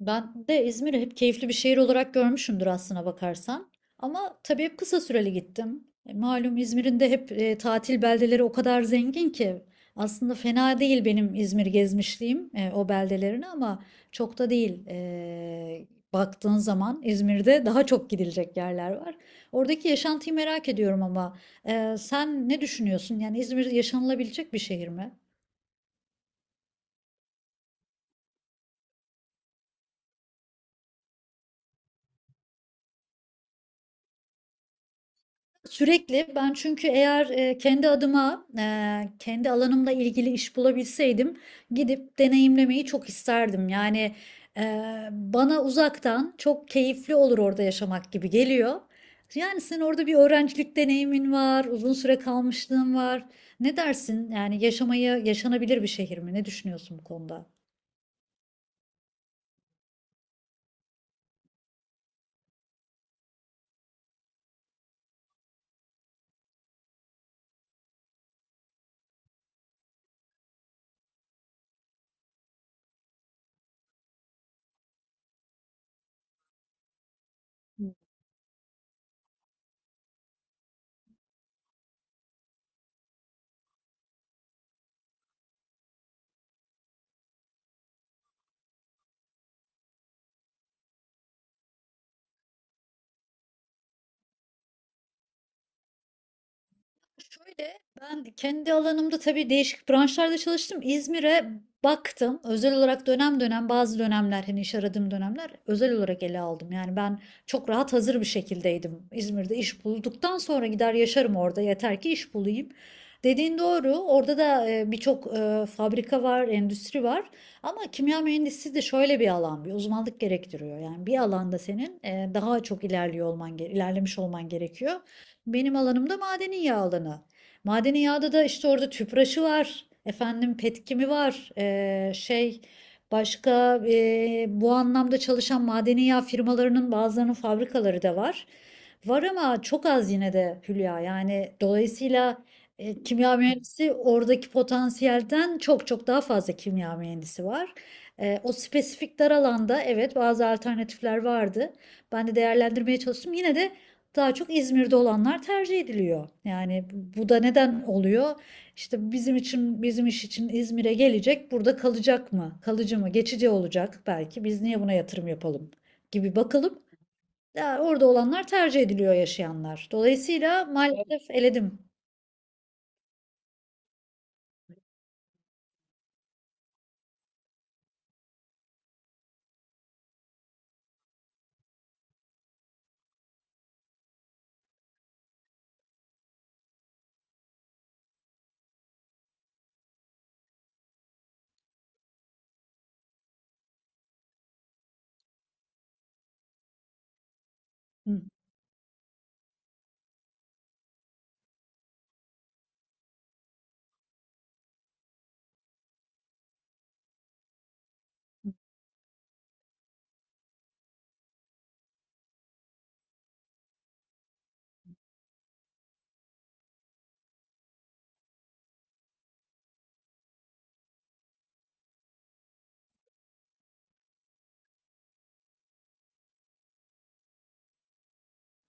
Ben de İzmir'i hep keyifli bir şehir olarak görmüşümdür aslına bakarsan. Ama tabii hep kısa süreli gittim. Malum İzmir'in de hep tatil beldeleri o kadar zengin ki aslında fena değil benim İzmir gezmişliğim o beldelerini ama çok da değil. Baktığın zaman İzmir'de daha çok gidilecek yerler var. Oradaki yaşantıyı merak ediyorum ama sen ne düşünüyorsun? Yani İzmir yaşanılabilecek bir şehir mi? Sürekli ben, çünkü eğer kendi adıma kendi alanımla ilgili iş bulabilseydim gidip deneyimlemeyi çok isterdim. Yani e, bana uzaktan çok keyifli olur orada yaşamak gibi geliyor. Yani senin orada bir öğrencilik deneyimin var, uzun süre kalmışlığın var. Ne dersin? Yani yaşamayı, yaşanabilir bir şehir mi? Ne düşünüyorsun bu konuda? Şöyle, ben kendi alanımda tabii değişik branşlarda çalıştım. İzmir'e baktım. Özel olarak dönem dönem, bazı dönemler, hani iş aradığım dönemler özel olarak ele aldım. Yani ben çok rahat hazır bir şekildeydim. İzmir'de iş bulduktan sonra gider yaşarım orada. Yeter ki iş bulayım. Dediğin doğru. Orada da birçok fabrika var, endüstri var. Ama kimya mühendisliği de şöyle bir alan, bir uzmanlık gerektiriyor. Yani bir alanda senin daha çok ilerliyor olman, ilerlemiş olman gerekiyor. Benim alanımda madeni yağ alanı. Madeni yağda da işte orada tüpraşı var. Efendim, petkimi var. Şey, başka bu anlamda çalışan madeni yağ firmalarının bazılarının fabrikaları da var. Var ama çok az, yine de Hülya. Yani dolayısıyla kimya mühendisi, oradaki potansiyelden çok çok daha fazla kimya mühendisi var. O spesifik dar alanda evet, bazı alternatifler vardı. Ben de değerlendirmeye çalıştım. Yine de daha çok İzmir'de olanlar tercih ediliyor. Yani bu da neden oluyor? İşte bizim için, bizim iş için, İzmir'e gelecek, burada kalacak mı? Kalıcı mı? Geçici olacak belki. Biz niye buna yatırım yapalım gibi bakılıp ya orada olanlar tercih ediliyor, yaşayanlar. Dolayısıyla maalesef eledim. Hı.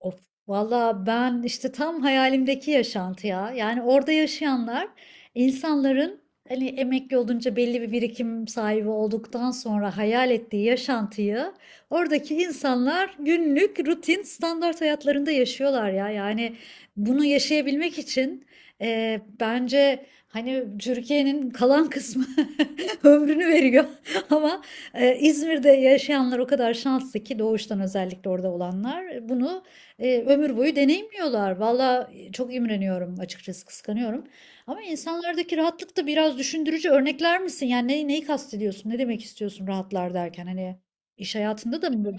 Of, valla ben işte tam hayalimdeki yaşantı ya. Yani orada yaşayanlar, insanların hani emekli olunca belli bir birikim sahibi olduktan sonra hayal ettiği yaşantıyı, oradaki insanlar günlük rutin standart hayatlarında yaşıyorlar ya. Yani bunu yaşayabilmek için bence hani Türkiye'nin kalan kısmı ömrünü veriyor ama İzmir'de yaşayanlar o kadar şanslı ki, doğuştan özellikle orada olanlar bunu ömür boyu deneyimliyorlar. Valla çok imreniyorum, açıkçası kıskanıyorum. Ama insanlardaki rahatlık da biraz düşündürücü. Örnekler misin? Yani neyi kastediyorsun? Ne demek istiyorsun rahatlar derken? Hani iş hayatında da mı böyle?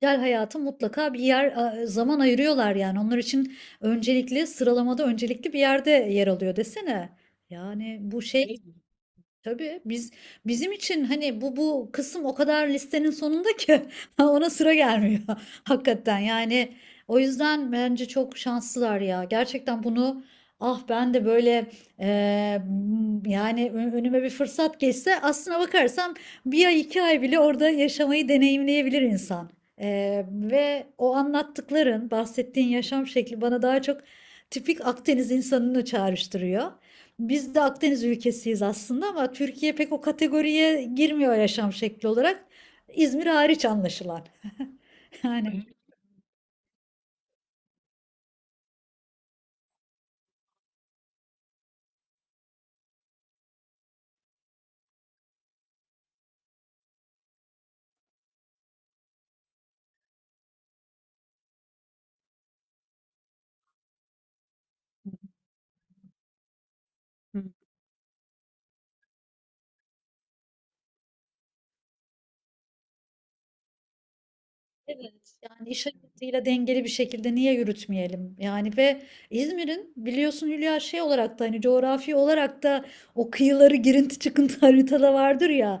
Sosyal hayatı mutlaka bir yer zaman ayırıyorlar yani. Onlar için öncelikli sıralamada öncelikli bir yerde yer alıyor desene. Yani bu şey, tabii biz, bizim için hani bu kısım o kadar listenin sonunda ki ona sıra gelmiyor hakikaten. Yani o yüzden bence çok şanslılar ya. Gerçekten bunu, ah, ben de böyle eee, yani önüme bir fırsat geçse aslına bakarsam bir ay, iki ay bile orada yaşamayı deneyimleyebilir insan. Ve o anlattıkların, bahsettiğin yaşam şekli bana daha çok tipik Akdeniz insanını çağrıştırıyor. Biz de Akdeniz ülkesiyiz aslında ama Türkiye pek o kategoriye girmiyor yaşam şekli olarak. İzmir hariç anlaşılan. Yani evet, yani iş hayatıyla dengeli bir şekilde niye yürütmeyelim? Yani ve İzmir'in biliyorsun Hülya, şey olarak da hani coğrafi olarak da o kıyıları girinti çıkıntı haritada vardır ya.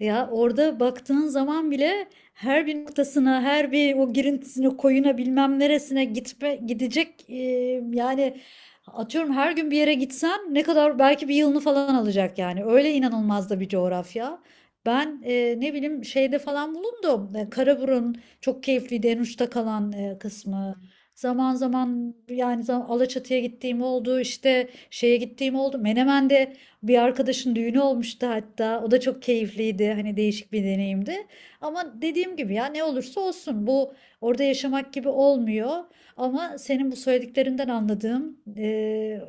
Ya orada baktığın zaman bile her bir noktasına, her bir o girintisine, koyuna, bilmem neresine gitme, gidecek yani atıyorum her gün bir yere gitsen ne kadar, belki bir yılını falan alacak yani. Öyle inanılmaz da bir coğrafya. Ben ne bileyim şeyde falan bulundum. Karaburun, çok keyifliydi en uçta kalan kısmı. Zaman zaman, yani Alaçatı'ya gittiğim oldu, işte şeye gittiğim oldu. Menemen'de bir arkadaşın düğünü olmuştu hatta. O da çok keyifliydi. Hani değişik bir deneyimdi. Ama dediğim gibi ya, ne olursa olsun bu orada yaşamak gibi olmuyor. Ama senin bu söylediklerinden anladığım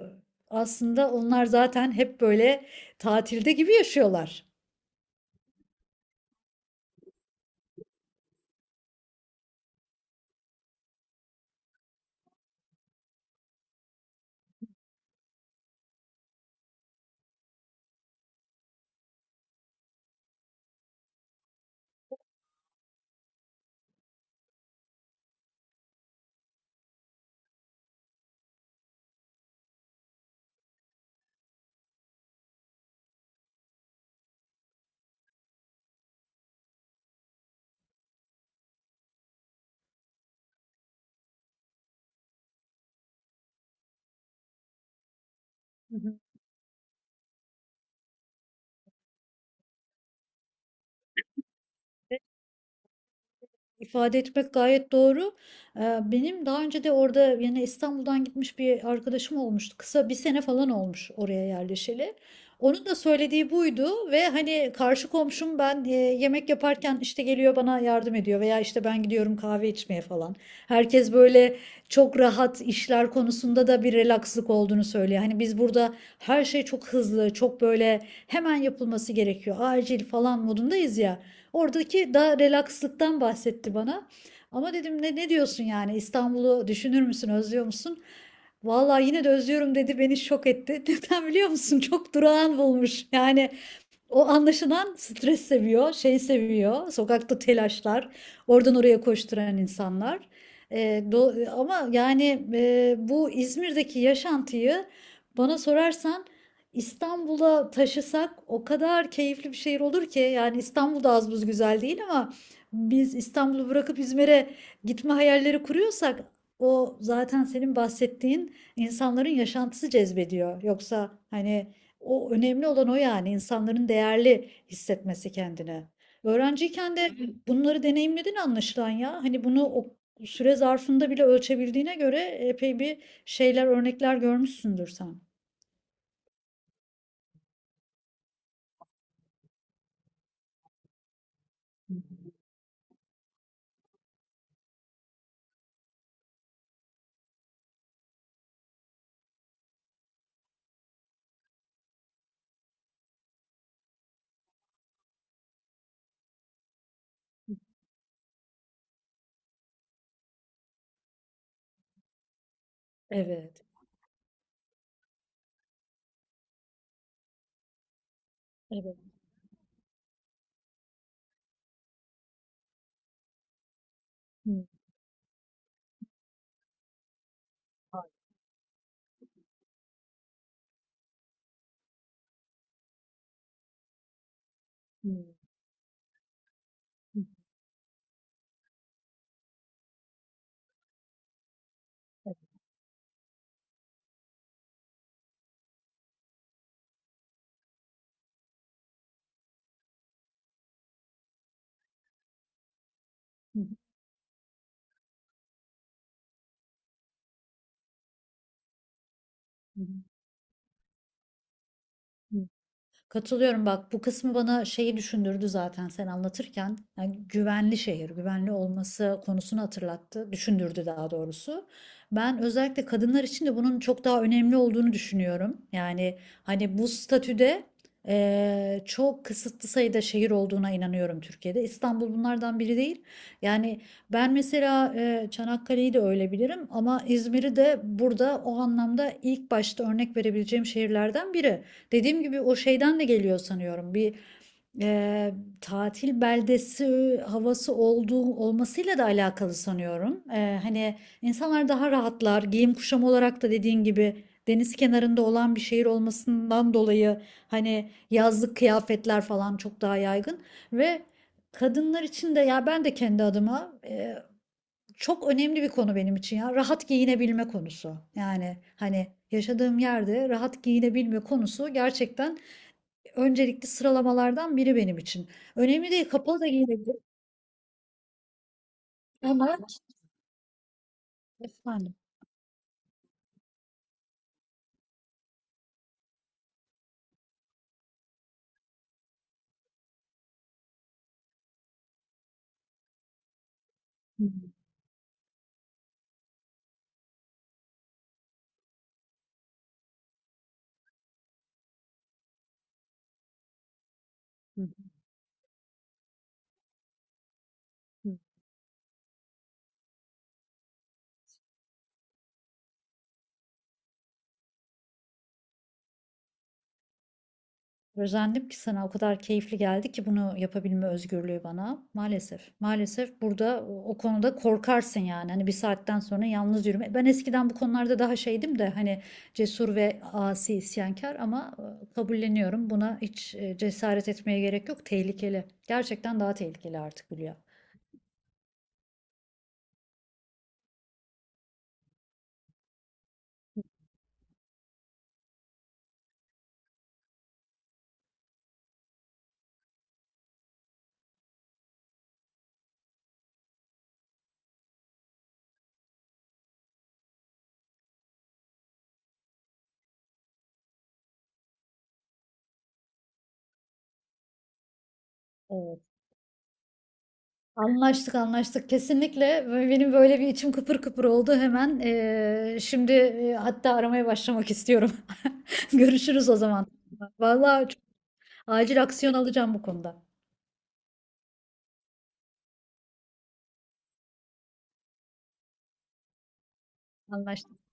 aslında onlar zaten hep böyle tatilde gibi yaşıyorlar. Hı hı. ifade etmek gayet doğru. Benim daha önce de orada, yani İstanbul'dan gitmiş bir arkadaşım olmuştu. Kısa, bir sene falan olmuş oraya yerleşeli. Onun da söylediği buydu ve hani karşı komşum, ben yemek yaparken işte geliyor bana yardım ediyor veya işte ben gidiyorum kahve içmeye falan. Herkes böyle çok rahat, işler konusunda da bir relakslık olduğunu söylüyor. Hani biz burada her şey çok hızlı, çok böyle hemen yapılması gerekiyor, acil falan modundayız ya. Oradaki daha relakslıktan bahsetti bana. Ama dedim ne diyorsun yani, İstanbul'u düşünür müsün, özlüyor musun? Vallahi yine de özlüyorum dedi, beni şok etti. Neden biliyor musun? Çok durağan bulmuş. Yani o anlaşılan stres seviyor, şey seviyor, sokakta telaşlar, oradan oraya koşturan insanlar. Ee, ama yani bu İzmir'deki yaşantıyı bana sorarsan İstanbul'a taşısak o kadar keyifli bir şehir olur ki, yani İstanbul'da az buz güzel değil ama biz İstanbul'u bırakıp İzmir'e gitme hayalleri kuruyorsak o zaten senin bahsettiğin insanların yaşantısı cezbediyor. Yoksa hani o önemli, olan o, yani insanların değerli hissetmesi kendini. Öğrenciyken de, evet, bunları deneyimledin anlaşılan ya. Hani bunu o süre zarfında bile ölçebildiğine göre epey bir şeyler, örnekler görmüşsündür sen. Hı hı. Evet. Evet. Hı. Hı. Hı. Hı. Hı. Hı. Katılıyorum, bak bu kısmı bana şeyi düşündürdü zaten sen anlatırken. Yani güvenli şehir, güvenli olması konusunu hatırlattı, düşündürdü daha doğrusu. Ben özellikle kadınlar için de bunun çok daha önemli olduğunu düşünüyorum. Yani hani bu statüde çok kısıtlı sayıda şehir olduğuna inanıyorum Türkiye'de. İstanbul bunlardan biri değil. Yani ben mesela Çanakkale'yi de öyle bilirim ama İzmir'i de burada o anlamda ilk başta örnek verebileceğim şehirlerden biri. Dediğim gibi o şeyden de geliyor sanıyorum. Bir eee, tatil beldesi havası olduğu, olmasıyla da alakalı sanıyorum. Hani insanlar daha rahatlar. Giyim kuşam olarak da dediğin gibi deniz kenarında olan bir şehir olmasından dolayı hani yazlık kıyafetler falan çok daha yaygın ve kadınlar için de, ya ben de kendi adıma çok önemli bir konu benim için ya. Rahat giyinebilme konusu. Yani hani yaşadığım yerde rahat giyinebilme konusu gerçekten öncelikli sıralamalardan biri benim için. Önemli değil, kapalı da giyinebilirim. Efendim. Hı hı, hı hı. Özendim ki, sana o kadar keyifli geldi ki bunu yapabilme özgürlüğü bana. Maalesef. Maalesef burada o konuda korkarsın yani. Hani bir saatten sonra yalnız yürüme. Ben eskiden bu konularda daha şeydim de, hani cesur ve asi, isyankar ama kabulleniyorum. Buna hiç cesaret etmeye gerek yok. Tehlikeli. Gerçekten daha tehlikeli artık Hülya. Evet. Anlaştık, anlaştık, kesinlikle. Ve benim böyle bir içim kıpır kıpır oldu hemen. Şimdi hatta aramaya başlamak istiyorum. Görüşürüz o zaman. Vallahi çok acil aksiyon alacağım bu konuda. Anlaştık.